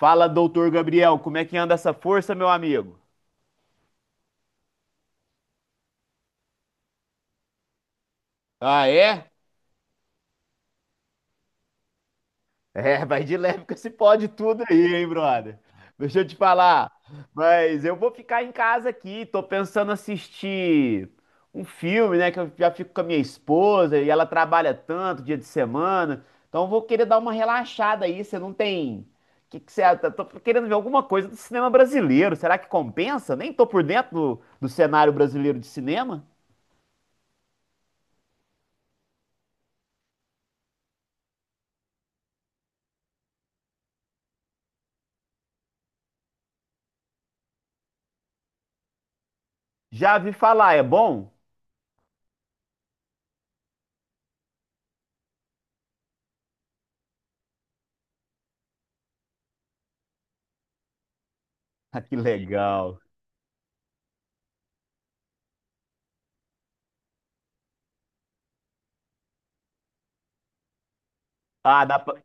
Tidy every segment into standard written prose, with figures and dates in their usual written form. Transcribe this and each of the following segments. Fala, doutor Gabriel, como é que anda essa força, meu amigo? Ah, é? É, vai de leve com esse pode tudo aí, hein, brother? Deixa eu te falar. Mas eu vou ficar em casa aqui, tô pensando assistir um filme, né? Que eu já fico com a minha esposa e ela trabalha tanto dia de semana. Então eu vou querer dar uma relaxada aí. Você não tem. Que você... eu tô querendo ver alguma coisa do cinema brasileiro. Será que compensa? Nem tô por dentro do cenário brasileiro de cinema. Já vi falar, é bom? Ah, que legal. Ah,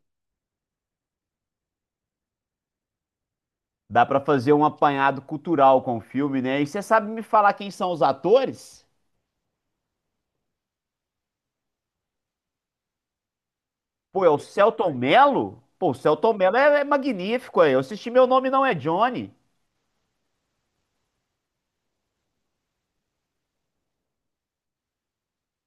dá pra fazer um apanhado cultural com o filme, né? E você sabe me falar quem são os atores? Pô, é o Selton Mello? Pô, o Selton Mello é magnífico aí. Eu assisti Meu Nome Não É Johnny.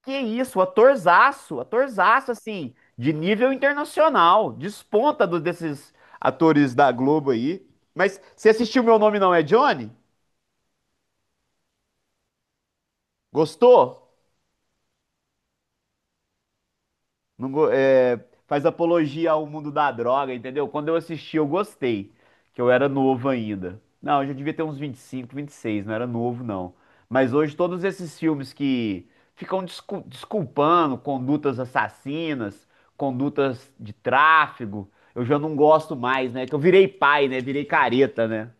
Que isso, atorzaço, atorzaço, assim, de nível internacional. Desponta desses atores da Globo aí. Mas você assistiu Meu Nome Não É Johnny? Gostou? Não, é, faz apologia ao mundo da droga, entendeu? Quando eu assisti, eu gostei, que eu era novo ainda. Não, eu já devia ter uns vinte e cinco, vinte e seis, não era novo, não. Mas hoje todos esses filmes que ficam desculpando condutas assassinas, condutas de tráfego, eu já não gosto mais, né? Que eu virei pai, né? Virei careta, né?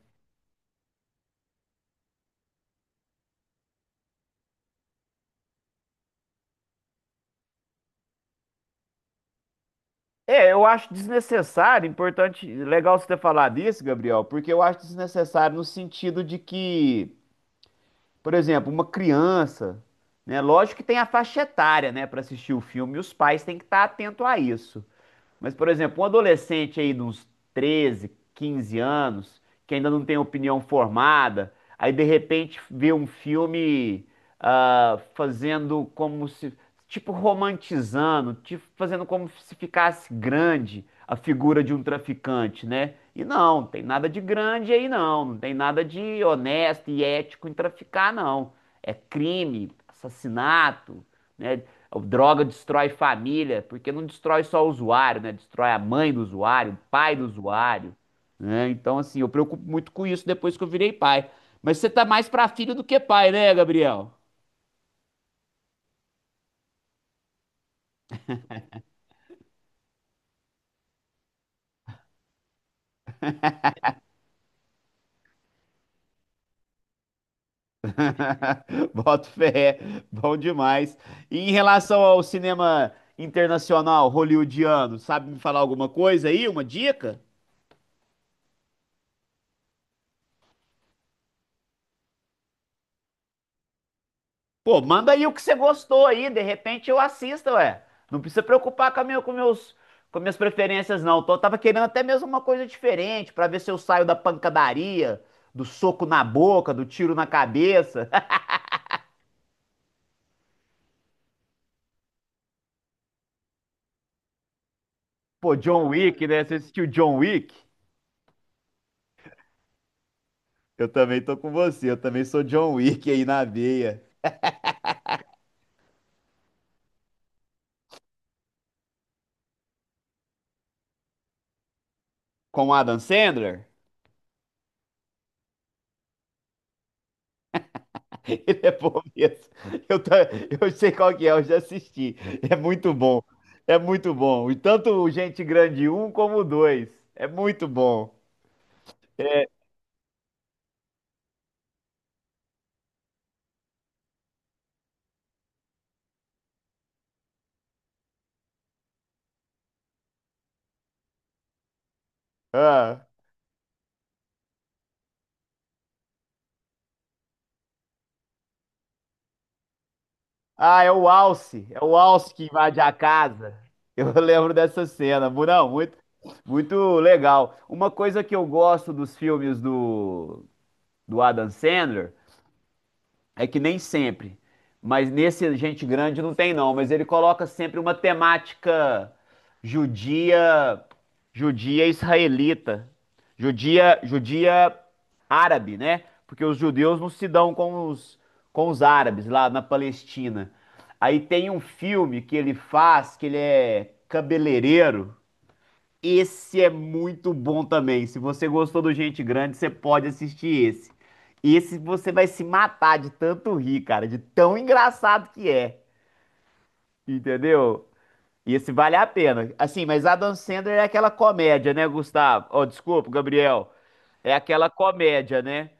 É, eu acho desnecessário, importante, legal você ter falado isso, Gabriel, porque eu acho desnecessário no sentido de que, por exemplo, uma criança, né? Lógico que tem a faixa etária, né, para assistir o filme, e os pais têm que estar atentos a isso. Mas, por exemplo, um adolescente aí de uns 13, 15 anos, que ainda não tem opinião formada, aí de repente vê um filme, ah, fazendo como se, tipo romantizando, tipo fazendo como se ficasse grande a figura de um traficante, né? E não, não tem nada de grande aí não, não tem nada de honesto e ético em traficar, não. É crime, assassinato, né? O droga destrói família, porque não destrói só o usuário, né? Destrói a mãe do usuário, o pai do usuário, né? Então, assim, eu preocupo muito com isso depois que eu virei pai. Mas você tá mais pra filho do que pai, né, Gabriel? Boto fé, bom demais. E em relação ao cinema internacional hollywoodiano, sabe me falar alguma coisa aí, uma dica? Pô, manda aí o que você gostou aí, de repente eu assisto, ué. Não precisa preocupar com, com meus, com minhas preferências, não. Tô, tava querendo até mesmo uma coisa diferente, pra ver se eu saio da pancadaria, do soco na boca, do tiro na cabeça. Pô, John Wick, né? Você assistiu John Wick? Eu também tô com você, eu também sou John Wick aí na veia. Com o Adam Sandler? Ele é bom mesmo. Eu, ta- eu sei qual que é, eu já assisti. É muito bom. É muito bom. E tanto o Gente Grande um como o dois, é muito bom. É, ah. Ah, é o Alce. É o Alce que invade a casa. Eu lembro dessa cena. Não, muito, muito legal. Uma coisa que eu gosto dos filmes do Adam Sandler. É que nem sempre. Mas nesse Gente Grande não tem, não. Mas ele coloca sempre uma temática judia, judia israelita, judia, judia árabe, né? Porque os judeus não se dão com os árabes lá na Palestina. Aí tem um filme que ele faz, que ele é cabeleireiro, esse é muito bom também. Se você gostou do Gente Grande, você pode assistir esse. Esse você vai se matar de tanto rir, cara, de tão engraçado que é. Entendeu? Esse vale a pena. Assim, mas Adam Sandler é aquela comédia, né, Gustavo? Oh, desculpa, Gabriel. É aquela comédia, né?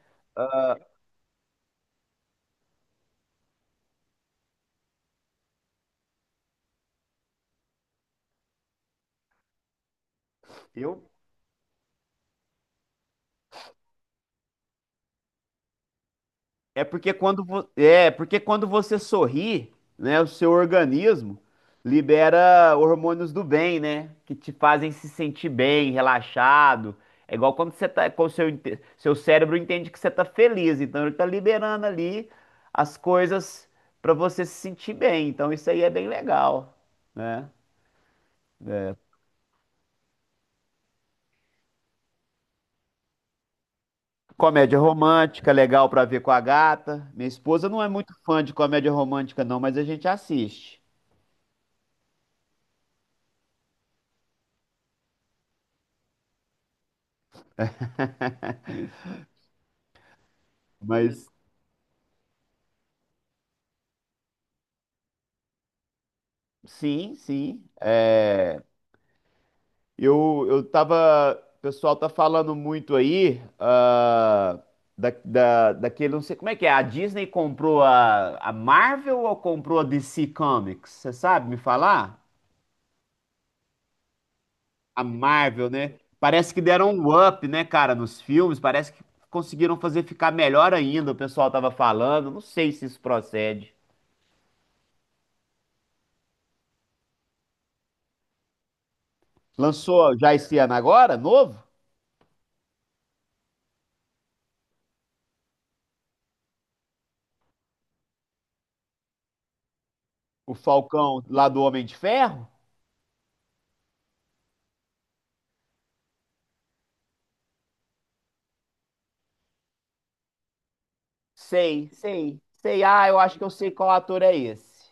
Eu é porque quando, é porque quando você sorri, né, o seu organismo libera hormônios do bem, né, que te fazem se sentir bem, relaxado. É igual quando você tá, quando seu, seu cérebro entende que você tá feliz, então ele tá liberando ali as coisas para você se sentir bem. Então isso aí é bem legal, né? É, comédia romântica, legal pra ver com a gata. Minha esposa não é muito fã de comédia romântica não, mas a gente assiste. Mas sim, sim. É, eu tava. O pessoal tá falando muito aí ah, daquele. Não sei como é que é. A Disney comprou a Marvel ou comprou a DC Comics? Você sabe me falar? A Marvel, né? Parece que deram um up, né, cara, nos filmes. Parece que conseguiram fazer ficar melhor ainda. O pessoal tava falando. Não sei se isso procede. Lançou já esse ano agora, novo? O Falcão lá do Homem de Ferro? Sei, sei, sei. Ah, eu acho que eu sei qual ator é esse.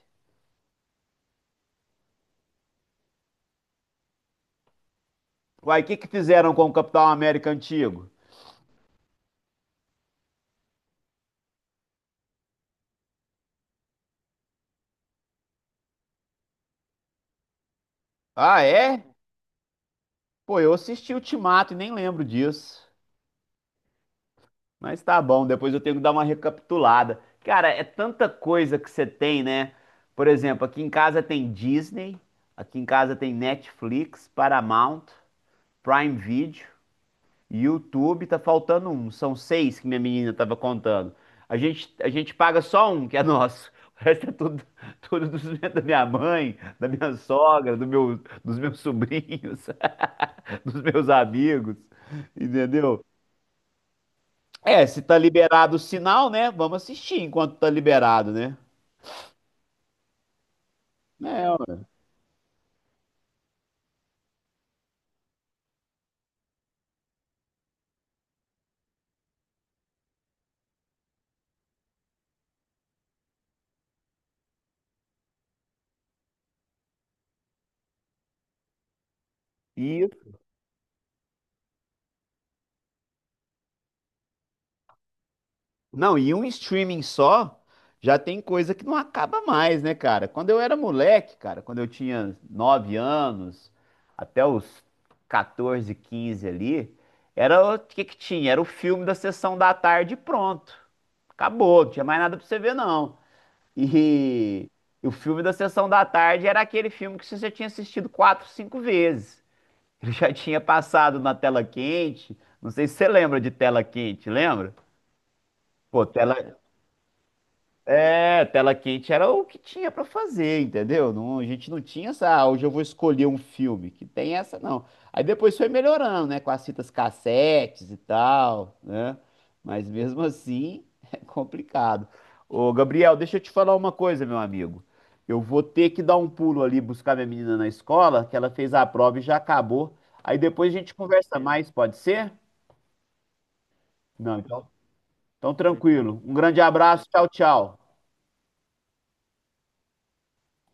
Uai, o que que fizeram com o Capitão América antigo? Ah, é? Pô, eu assisti Ultimato e nem lembro disso. Mas tá bom, depois eu tenho que dar uma recapitulada. Cara, é tanta coisa que você tem, né? Por exemplo, aqui em casa tem Disney, aqui em casa tem Netflix, Paramount, Prime Video. YouTube, tá faltando um. São seis que minha menina tava contando. A gente paga só um, que é nosso. O resto é tudo, tudo dos, meus, da minha mãe, da minha sogra, do meu, dos meus sobrinhos, dos meus amigos. Entendeu? É, se tá liberado o sinal, né? Vamos assistir enquanto tá liberado, né? É, ué. E não, e um streaming só já tem coisa que não acaba mais, né, cara? Quando eu era moleque, cara, quando eu tinha 9 anos, até os 14, 15 ali, era o que que tinha? Era o filme da sessão da tarde e pronto. Acabou, não tinha mais nada pra você ver, não. E, e o filme da sessão da tarde era aquele filme que você já tinha assistido quatro, cinco vezes. Ele já tinha passado na tela quente. Não sei se você lembra de tela quente, lembra? Pô, tela. É, tela quente era o que tinha pra fazer, entendeu? Não, a gente não tinha essa, ah, hoje eu vou escolher um filme, que tem essa não. Aí depois foi melhorando, né, com as fitas cassetes e tal, né? Mas mesmo assim é complicado. Ô, Gabriel, deixa eu te falar uma coisa, meu amigo. Eu vou ter que dar um pulo ali buscar minha menina na escola, que ela fez a prova e já acabou. Aí depois a gente conversa mais, pode ser? Não, então, então tranquilo. Um grande abraço, tchau, tchau.